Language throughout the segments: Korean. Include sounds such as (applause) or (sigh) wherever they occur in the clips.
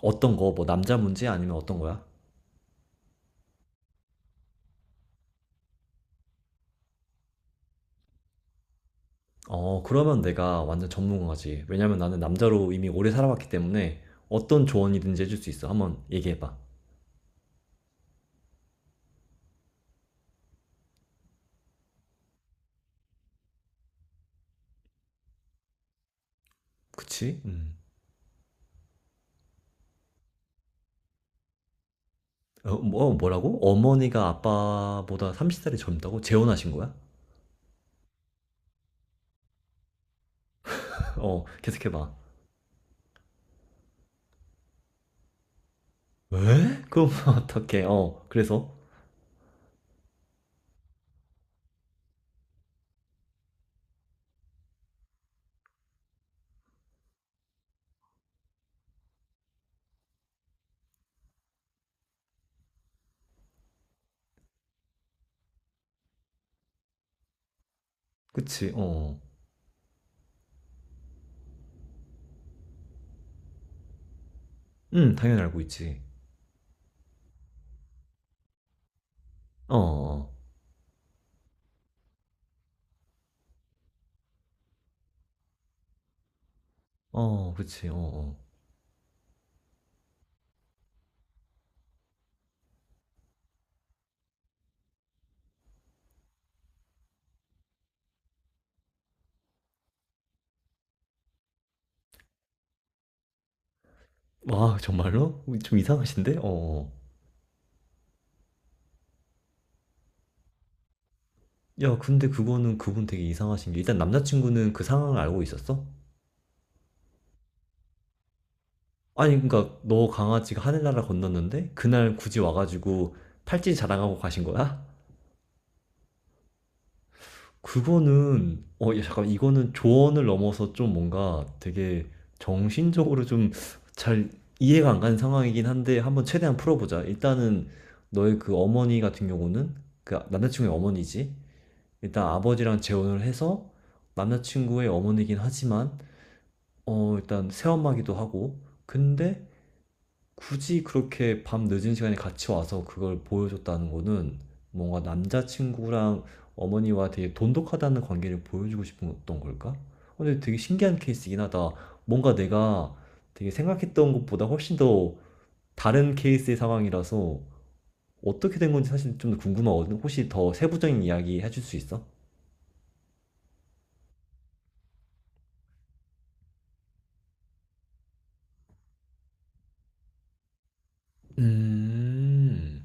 어떤 거, 뭐 남자 문제 아니면 어떤 거야? 그러면 내가 완전 전문가지. 왜냐면 나는 남자로 이미 오래 살아왔기 때문에 어떤 조언이든지 해줄 수 있어. 한번 얘기해봐. 그치? 음. 어, 뭐라고? 어머니가 아빠보다 30살이 젊다고? 재혼하신 거야? (laughs) 어, 계속해봐. 왜? 그럼 (laughs) 어떡해. 어, 그래서? 그치, 어. 응, 당연히 알고 있지. 어, 어, 어, 어, 그치, 어, 어. 와, 정말로? 좀 이상하신데? 어, 어. 야, 근데 그거는 그분 되게 이상하신 게 일단 남자친구는 그 상황을 알고 있었어? 아니, 그러니까 너 강아지가 하늘나라 건넜는데 그날 굳이 와가지고 팔찌 자랑하고 가신 거야? 그거는 어, 야, 잠깐 이거는 조언을 넘어서 좀 뭔가 되게 정신적으로 좀 잘 이해가 안 가는 상황이긴 한데 한번 최대한 풀어보자. 일단은 너의 그 어머니 같은 경우는 그 남자친구의 어머니지. 일단 아버지랑 재혼을 해서 남자친구의 어머니긴 하지만 일단 체험하기도 하고, 근데 굳이 그렇게 밤 늦은 시간에 같이 와서 그걸 보여줬다는 거는 뭔가 남자친구랑 어머니와 되게 돈독하다는 관계를 보여주고 싶은 어떤 걸까? 어, 근데 되게 신기한 케이스이긴 하다. 뭔가 내가 되게 생각했던 것보다 훨씬 더 다른 케이스의 상황이라서 어떻게 된 건지 사실 좀 궁금하거든. 혹시 더 세부적인 이야기 해줄 수 있어? 음,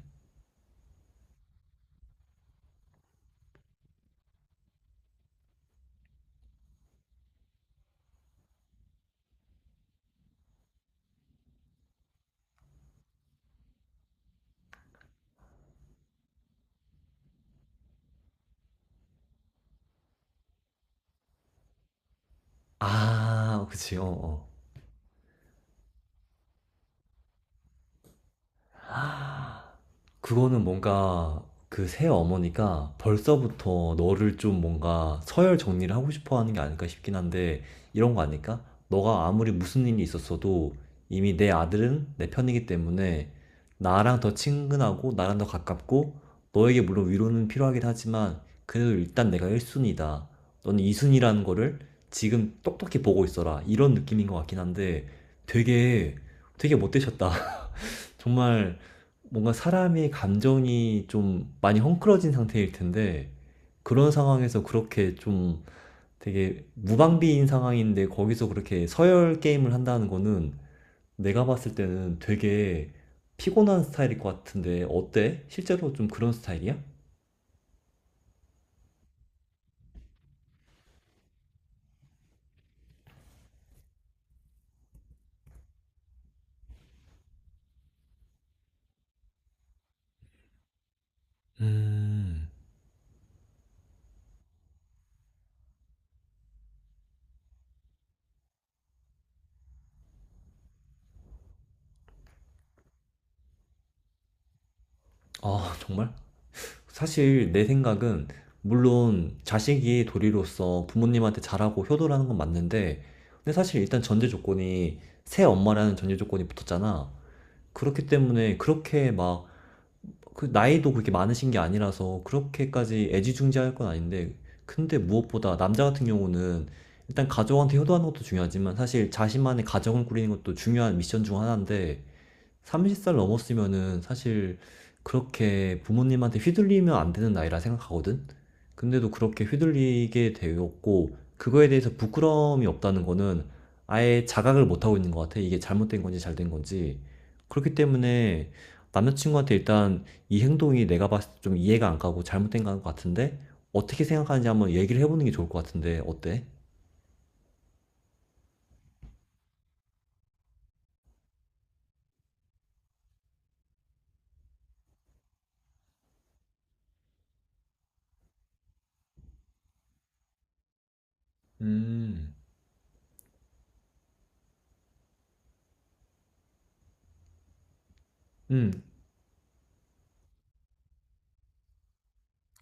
아, 그치, 어, 어. 그거는 뭔가 그 새 어머니가 벌써부터 너를 좀 뭔가 서열 정리를 하고 싶어 하는 게 아닐까 싶긴 한데 이런 거 아닐까? 너가 아무리 무슨 일이 있었어도 이미 내 아들은 내 편이기 때문에 나랑 더 친근하고 나랑 더 가깝고 너에게 물론 위로는 필요하긴 하지만 그래도 일단 내가 1순위다. 너는 2순위라는 거를 지금 똑똑히 보고 있어라. 이런 느낌인 것 같긴 한데 되게 못 되셨다. 정말 뭔가 사람의 감정이 좀 많이 헝클어진 상태일 텐데 그런 상황에서 그렇게 좀 되게 무방비인 상황인데 거기서 그렇게 서열 게임을 한다는 거는 내가 봤을 때는 되게 피곤한 스타일일 것 같은데 어때? 실제로 좀 그런 스타일이야? 음, 아, 정말? 사실 내 생각은 물론 자식이 도리로서 부모님한테 잘하고 효도라는 건 맞는데 근데 사실 일단 전제 조건이 새 엄마라는 전제 조건이 붙었잖아. 그렇기 때문에 그렇게 막 그 나이도 그렇게 많으신 게 아니라서 그렇게까지 애지중지할 건 아닌데 근데 무엇보다 남자 같은 경우는 일단 가족한테 효도하는 것도 중요하지만 사실 자신만의 가정을 꾸리는 것도 중요한 미션 중 하나인데 30살 넘었으면은 사실 그렇게 부모님한테 휘둘리면 안 되는 나이라 생각하거든? 근데도 그렇게 휘둘리게 되었고, 그거에 대해서 부끄러움이 없다는 거는 아예 자각을 못하고 있는 것 같아. 이게 잘못된 건지 잘 된 건지. 그렇기 때문에 남자친구한테 일단 이 행동이 내가 봤을 때 좀 이해가 안 가고 잘못된 것 같은데, 어떻게 생각하는지 한번 얘기를 해보는 게 좋을 것 같은데, 어때? 음, 음,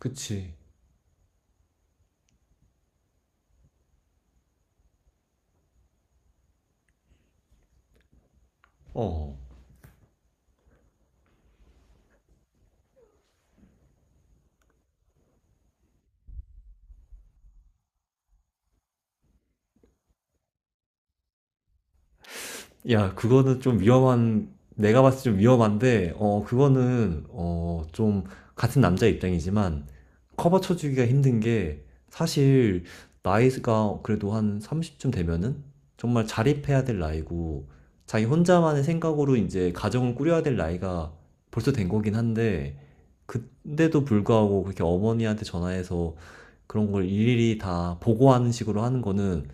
그치. 어. 야, 그거는 좀 위험한, 내가 봤을 때 좀 위험한데, 어, 그거는, 어, 좀, 같은 남자 입장이지만, 커버 쳐주기가 힘든 게, 사실, 나이가 그래도 한 30쯤 되면은, 정말 자립해야 될 나이고, 자기 혼자만의 생각으로 이제 가정을 꾸려야 될 나이가 벌써 된 거긴 한데, 그때도 불구하고 그렇게 어머니한테 전화해서 그런 걸 일일이 다 보고하는 식으로 하는 거는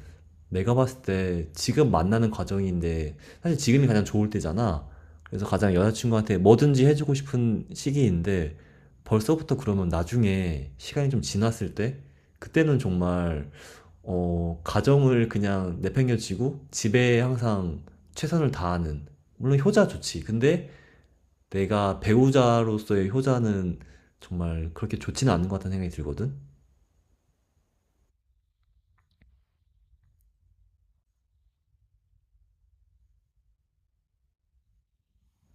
내가 봤을 때 지금 만나는 과정인데 사실 지금이 가장 좋을 때잖아. 그래서 가장 여자친구한테 뭐든지 해주고 싶은 시기인데 벌써부터 그러면 나중에 시간이 좀 지났을 때 그때는 정말 어, 가정을 그냥 내팽겨치고 집에 항상 최선을 다하는 물론 효자 좋지. 근데 내가 배우자로서의 효자는 정말 그렇게 좋지는 않은 것 같다는 생각이 들거든.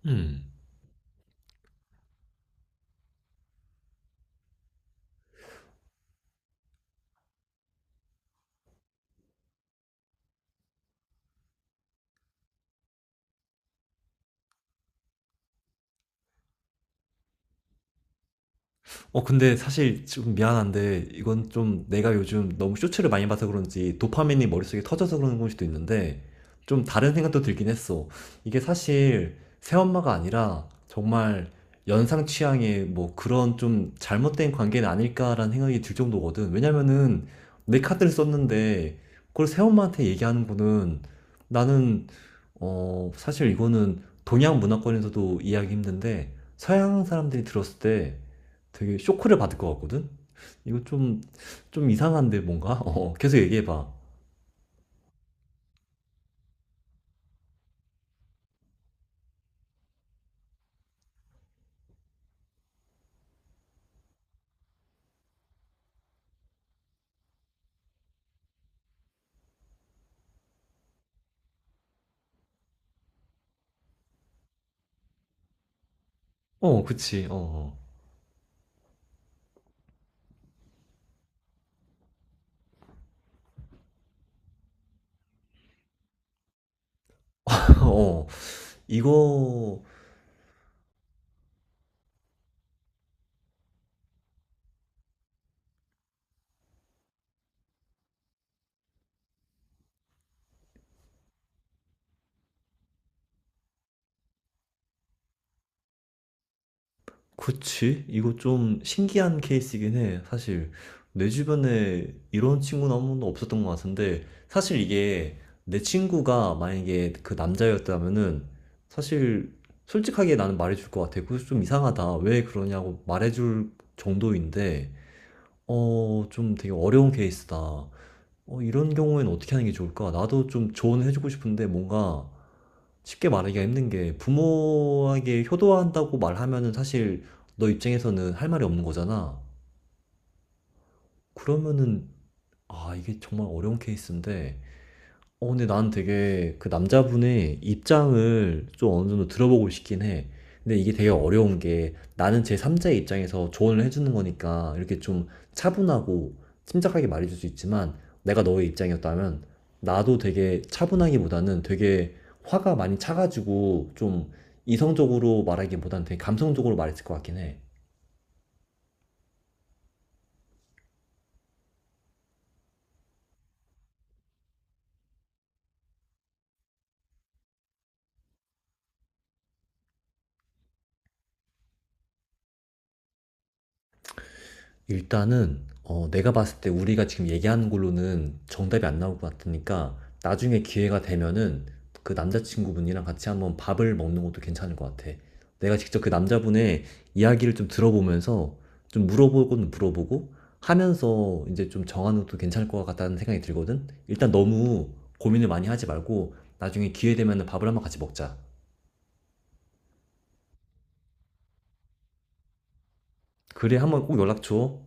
음. 어, 근데 사실 좀 미안한데, 이건 좀 내가 요즘 너무 쇼츠를 많이 봐서 그런지 도파민이 머릿속에 터져서 그런 걸 수도 있는데, 좀 다른 생각도 들긴 했어. 이게 사실 새엄마가 아니라 정말 연상 취향의 뭐 그런 좀 잘못된 관계는 아닐까라는 생각이 들 정도거든. 왜냐면은 내 카드를 썼는데, 그걸 새엄마한테 얘기하는 거는 나는 어, 사실 이거는 동양 문화권에서도 이해하기 힘든데 서양 사람들이 들었을 때 되게 쇼크를 받을 것 같거든? 이거 좀, 좀 이상한데 뭔가? 어, 계속 얘기해봐. 어, 그치. 어, 어. (laughs) 어, 이거 그치? 이거 좀 신기한 케이스이긴 해. 사실 내 주변에 이런 친구는 한 번도 없었던 것 같은데 사실 이게 내 친구가 만약에 그 남자였다면은 사실 솔직하게 나는 말해줄 것 같아. 그거 좀 이상하다. 왜 그러냐고 말해줄 정도인데 어, 좀 되게 어려운 케이스다. 어, 이런 경우에는 어떻게 하는 게 좋을까? 나도 좀 조언을 해주고 싶은데 뭔가 쉽게 말하기가 힘든 게 부모에게 효도한다고 말하면은 사실 너 입장에서는 할 말이 없는 거잖아. 그러면은 아, 이게 정말 어려운 케이스인데 어, 근데 난 되게 그 남자분의 입장을 좀 어느 정도 들어보고 싶긴 해. 근데 이게 되게 어려운 게 나는 제삼자의 입장에서 조언을 해주는 거니까 이렇게 좀 차분하고 침착하게 말해줄 수 있지만 내가 너의 입장이었다면 나도 되게 차분하기보다는 되게 화가 많이 차가지고 좀 이성적으로 말하기보다는 되게 감성적으로 말했을 것 같긴 해. 일단은 어, 내가 봤을 때 우리가 지금 얘기하는 걸로는 정답이 안 나올 것 같으니까 나중에 기회가 되면은 그 남자친구분이랑 같이 한번 밥을 먹는 것도 괜찮을 것 같아. 내가 직접 그 남자분의 이야기를 좀 들어보면서 좀 물어보고는 물어보고 하면서 이제 좀 정하는 것도 괜찮을 것 같다는 생각이 들거든. 일단 너무 고민을 많이 하지 말고 나중에 기회 되면은 밥을 한번 같이 먹자. 그래, 한번 꼭 연락 줘.